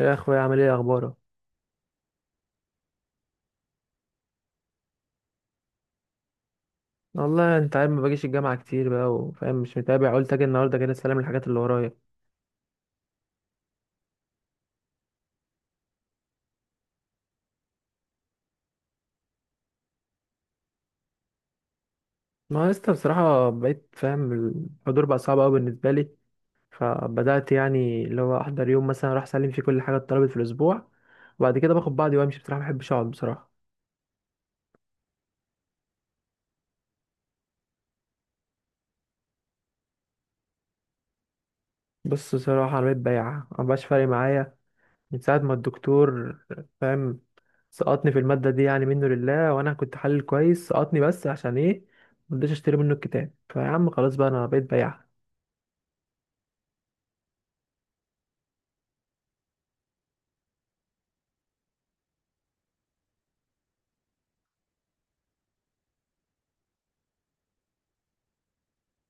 يا اخويا، عامل ايه، اخبارك؟ والله انت عارف ما باجيش الجامعه كتير بقى، وفاهم مش متابع، قلت اجي النهارده كده استلم الحاجات اللي ورايا. ما يا اسطى، بصراحه بقيت فاهم. الحضور بقى صعب قوي بالنسبه لي. فبدات يعني اللي هو احضر يوم مثلا، اروح اسلم فيه كل حاجه اتطلبت في الاسبوع، وبعد كده باخد بعضي وامشي. بصراحه ما بحبش اقعد، بصراحه. بص، بصراحه انا بقيت بياع، ما بقاش فارق معايا من ساعة ما الدكتور، فاهم، سقطني في المادة دي يعني، منه لله، وأنا كنت حلل كويس، سقطني بس عشان إيه؟ مرضيتش أشتري منه الكتاب. فيا عم خلاص بقى أنا بقيت بياع.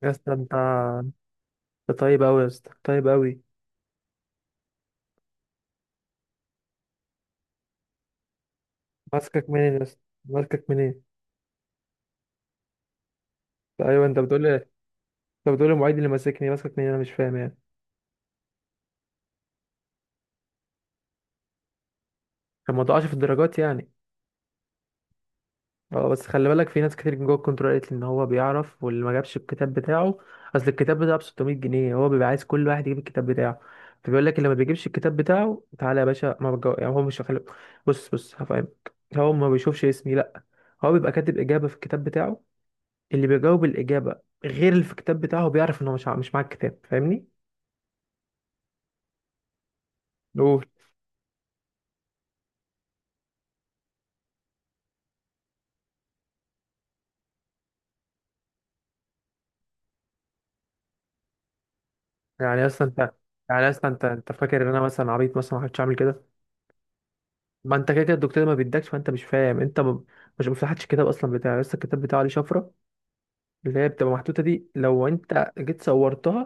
يا اسطى أنت طيب أوي يا اسطى، طيب أوي. ماسكك منين يا اسطى، ماسكك منين؟ أيوه، أنت بتقول لي المعيد اللي ماسكني ماسكك منين؟ أنا مش فاهم يعني. كان ما ضاعش في الدرجات يعني. اه، بس خلي بالك في ناس كتير جوه الكنترول قالت لي ان هو بيعرف، واللي ما جابش الكتاب بتاعه، اصل الكتاب بتاعه ب 600 جنيه، هو بيبقى عايز كل واحد يجيب الكتاب بتاعه. فبيقول لك اللي ما بيجيبش الكتاب بتاعه تعالى يا باشا، ما بجو... يعني هو مش خلي... بص بص هفهمك. هو ما بيشوفش اسمي، لا. هو بيبقى كاتب اجابه في الكتاب بتاعه، اللي بيجاوب الاجابه غير اللي في الكتاب بتاعه بيعرف ان هو مش معاه الكتاب، فاهمني؟ قول. يعني اصلا انت يعني اصلا انت فاكر ان انا مثلا عبيط؟ مثلا ما كنتش عامل كده. ما انت كده كده الدكتور ما بيدكش، فانت مش فاهم، مش مفتحتش الكتاب اصلا بتاعي لسه، الكتاب بتاعه عليه شفره اللي هي بتبقى محطوطه دي، لو انت جيت صورتها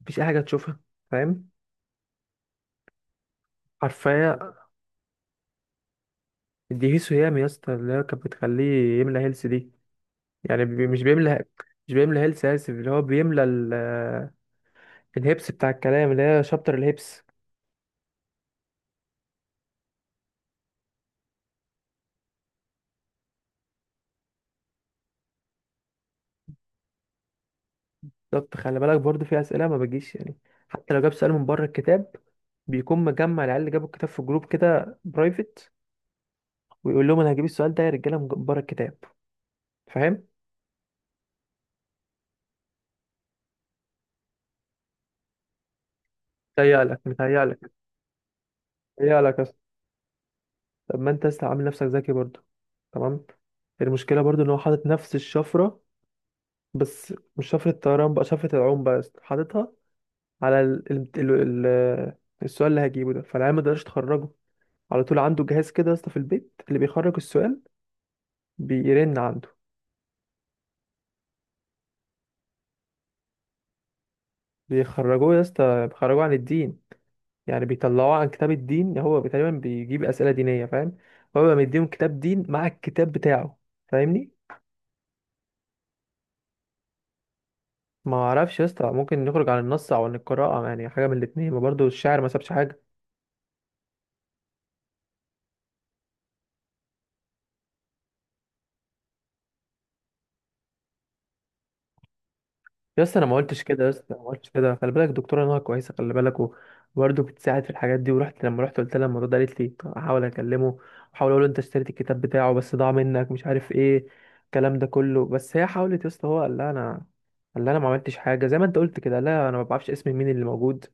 مفيش اي حاجه تشوفها، فاهم؟ حرفيا. دي هيسو هيام يا اسطى اللي هي كانت بتخليه يملى هيلث دي. يعني مش بيملى هيلث، اسف. اللي هو بيملى الهيبس بتاع الكلام اللي هي شابتر الهيبس. بالظبط، خلي بالك برضو في اسئله ما بتجيش يعني. حتى لو جاب سؤال من بره الكتاب، بيكون مجمع العيال اللي جابوا الكتاب في جروب كده برايفت، ويقول لهم انا هجيب السؤال ده يا رجاله من بره الكتاب، فاهم. متهيألك متهيألك متهيألك أصلا. طب ما انت لسه عامل نفسك ذكي برضه، تمام. المشكله برضه ان هو حاطط نفس الشفره، بس مش شفره الطيران بقى، شفره العوم بقى يا اسطى. حاططها على السؤال اللي هجيبه ده، فالعيال ما يقدرش تخرجه. على طول عنده جهاز كده يا اسطى في البيت اللي بيخرج السؤال بيرن عنده. بيخرجوه يا اسطى، بيخرجوه عن الدين. يعني بيطلعوه عن كتاب الدين. هو تقريبا بيجيب اسئله دينيه، فاهم. هو بيبقى مديهم كتاب دين مع الكتاب بتاعه، فاهمني؟ ما اعرفش يا اسطى، ممكن نخرج عن النص او عن القراءه يعني، حاجه من الاثنين. ما برضه الشاعر ما سابش حاجه. يا اسطى انا ما قلتش كده، يا اسطى ما قلتش كده، خلي بالك الدكتوره نهى كويسه، خلي بالك وبرضه بتساعد في الحاجات دي، لما رحت قلت لها الموضوع ده، قالت لي طب احاول اكلمه، احاول اقول له انت اشتريت الكتاب بتاعه بس ضاع منك، مش عارف ايه، الكلام ده كله. بس هي حاولت يا اسطى. هو قال لها انا ما عملتش حاجه، زي ما انت قلت كده، لا انا ما بعرفش اسم مين اللي موجود.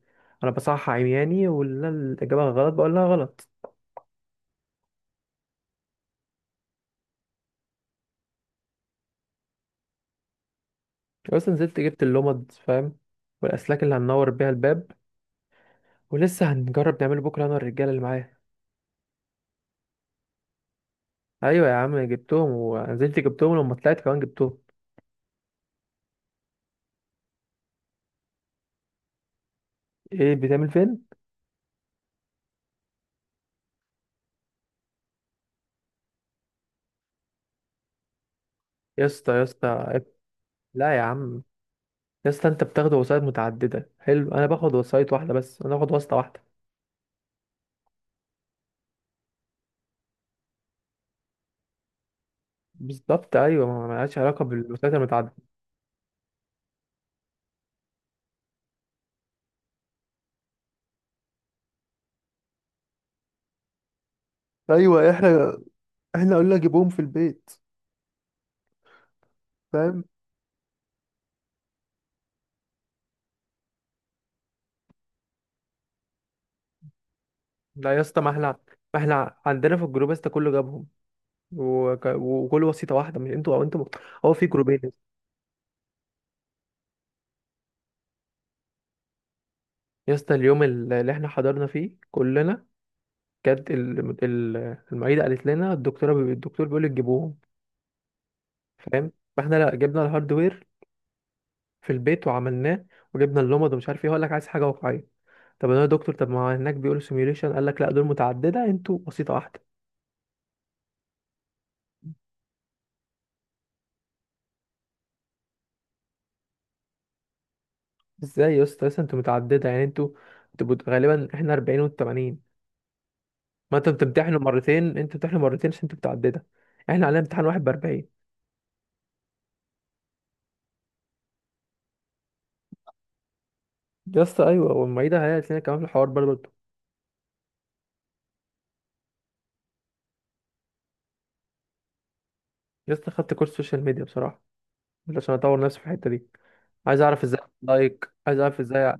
انا بصحح عمياني، واللي أنا الاجابه غلط بقول لها غلط. اصلا نزلت جبت اللمض، فاهم، والاسلاك اللي هننور بيها الباب، ولسه هنجرب نعمله بكره انا والرجاله اللي معايا. ايوه يا عم جبتهم، ونزلت جبتهم لما طلعت كمان جبتهم. ايه بتعمل فين؟ يا اسطى، يا اسطى، لا يا عم. يا اسطى انت بتاخد وسايط متعدده، حلو. انا باخد وسايط واحده، بس انا باخد واسطه واحده. بالظبط، ايوه، ما لهاش علاقه بالوسايط المتعدده. ايوه، احنا قلنا جيبهم في البيت، فاهم. لا يا اسطى، ما احنا عندنا في الجروب يا اسطى كله جابهم، وكل وسيطه واحده، مش انتوا او انتوا، هو في جروبين. يا اسطى اليوم اللي احنا حضرنا فيه كلنا، جت المعيدة قالت لنا الدكتورة الدكتور بيقول لك جيبوهم، فاهم. فاحنا لا، جبنا الهاردوير في البيت وعملناه، وجبنا اللمض ومش عارف ايه، هقول لك عايز حاجة واقعية. طب انا يا دكتور، طب ما هناك بيقولوا سيميوليشن، قال لك لا، دول متعددة انتوا بسيطة واحدة. ازاي يا اسطى، اصلا انتوا متعددة يعني، انتوا غالبا احنا 40 وانتوا 80. ما انتوا بتمتحنوا مرتين، انتوا بتمتحنوا مرتين عشان انتوا متعددة. احنا علينا امتحان واحد ب 40. يا اسطى ايوه، والمعيدة هي قالت لنا كمان في الحوار برضه. يا اسطى خدت كورس سوشيال ميديا بصراحة، عشان اطور نفسي في الحته دي. عايز اعرف ازاي أعمل لايك، عايز اعرف ازاي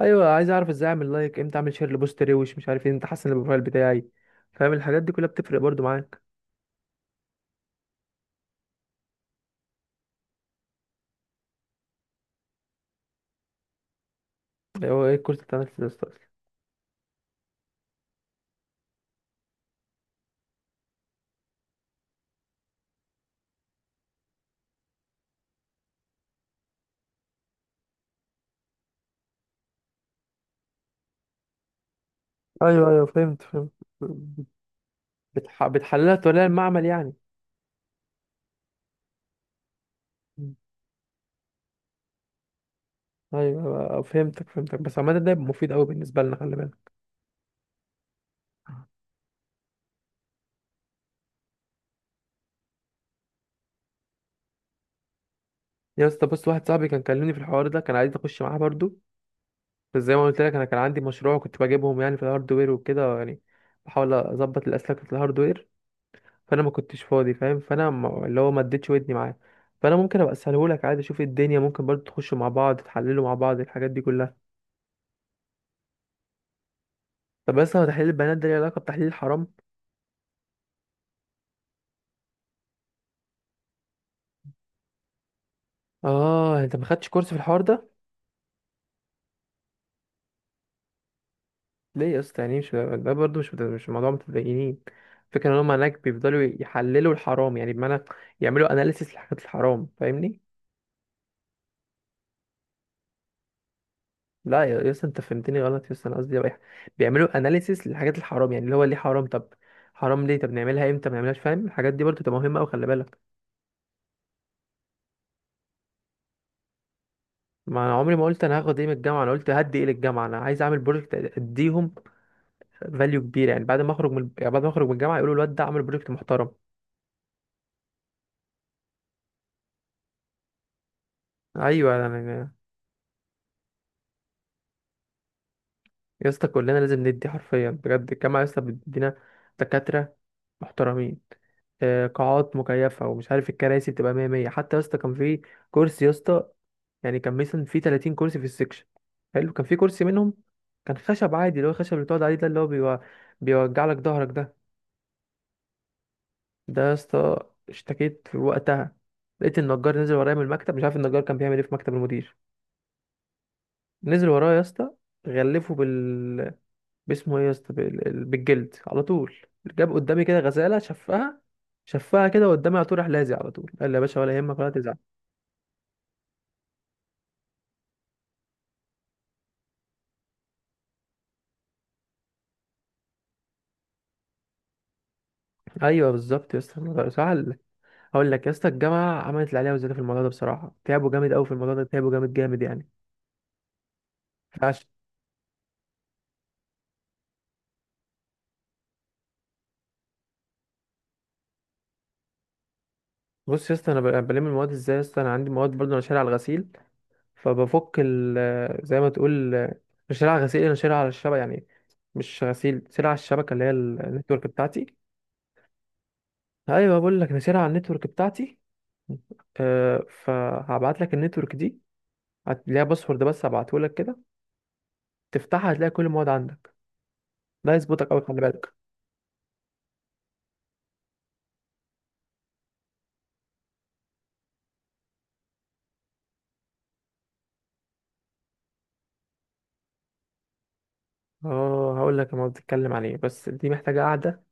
ايوه، عايز اعرف ازاي اعمل لايك، امتى اعمل شير لبوست روش، مش عارف ايه، امتى احسن البروفايل بتاعي. فاهم الحاجات دي كلها بتفرق برضو معاك. هو ايه الكورس بتاع نفسي ده أصلاً؟ ايوه ايوه، فهمت فهمت. بتحللها توليها المعمل يعني. مم. ايوه فهمتك فهمتك، بس عامه ده يبقى مفيد قوي بالنسبه لنا، خلي بالك. يا اسطى، بص، واحد صاحبي كان كلمني في الحوار ده، كان عايز اخش معاه برضو. بس زي ما قلت لك، انا كان عندي مشروع كنت بجيبهم يعني في الهاردوير، وكده يعني بحاول اظبط الاسلاك في الهاردوير. فانا ما كنتش فاضي، فاهم. فانا اللي هو ما اديتش ودني معاه. فانا ممكن ابقى اسهلهولك عادي، اشوف الدنيا ممكن برضه تخشوا مع بعض، تحللوا مع بعض الحاجات دي كلها. طب بس هو تحليل البنات ده ليه علاقه بتحليل الحرام؟ اه، انت ما خدتش كورس في الحوار ده؟ ليه يا اسطى، يعني مش ده برضه، مش موضوع متدينين. فكرة ان هم هناك بيفضلوا يحللوا الحرام يعني، بمعنى يعملوا اناليسيس لحاجات الحرام، فاهمني. لا، يا اسطى انت فهمتني غلط يا اسطى، انا قصدي بيعملوا اناليسيس للحاجات الحرام يعني اللي هو ليه حرام؟ طب حرام ليه؟ طب نعملها امتى؟ ما نعملهاش، فاهم. الحاجات دي برضه تبقى مهمه قوي، خلي بالك. ما انا عمري ما قلت انا هاخد ايه من الجامعه، انا قلت هدي ايه للجامعه. انا عايز اعمل بروجكت اديهم فاليو كبير، يعني بعد ما اخرج من يعني بعد ما اخرج من الجامعه يقولوا الواد ده عمل بروجكت محترم. ايوه يعني. يا اسطى كلنا لازم ندي حرفيا بجد. الجامعه يا اسطى بتدينا دكاتره محترمين، قاعات مكيفه ومش عارف. الكراسي بتبقى 100 100 حتى. يا اسطى كان في كرسي يا اسطى، يعني كان مثلا في 30 كرسي في السكشن حلو، كان في كرسي منهم كان خشب عادي، اللي هو الخشب اللي بتقعد عليه ده اللي هو بيوجع لك ظهرك ده. ده يا اسطى، اشتكيت في وقتها، لقيت النجار نزل ورايا من المكتب، مش عارف النجار كان بيعمل ايه في مكتب المدير، نزل ورايا يا اسطى، غلفه باسمه ايه يا اسطى، بالجلد على طول، جاب قدامي كده غزاله شفها، شفها كده قدامي، على طول راح لازق، على طول قال لي يا باشا ولا يهمك ولا تزعل. ايوه بالظبط يا اسطى، الموضوع سهل. هقول لك يا اسطى، الجامعه عملت اللي عليها وزياده في الموضوع ده بصراحه، تعبوا جامد قوي في الموضوع ده، تعبوا جامد جامد يعني. فعش. بص يا اسطى، انا بلم المواد ازاي يا اسطى، انا عندي مواد برضه، انا شاري على الغسيل. فبفك زي ما تقول، مش على غسيل، انا شارع على الشبكه يعني، مش غسيل، شارع على الشبكه اللي هي النتورك بتاعتي. ايوه، بقول لك انا شارع على النتورك بتاعتي. أه، فهبعت لك النتورك دي، ليها باسورد بس هبعته لك كده، تفتحها هتلاقي كل المواد عندك. ده يظبطك قوي، خلي بالك. اه، هقول لك المواد بتتكلم عن ايه، بس دي محتاجه قاعده،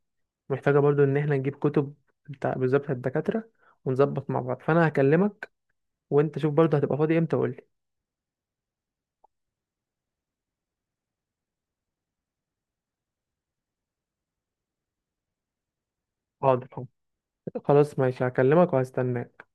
محتاجه برضو ان احنا نجيب كتب بتاع بالظبط الدكاتره، ونظبط مع بعض، فانا هكلمك وانت شوف برضو هتبقى فاضي امتى وقول لي. حاضر، خلاص ماشي، هكلمك وهستناك.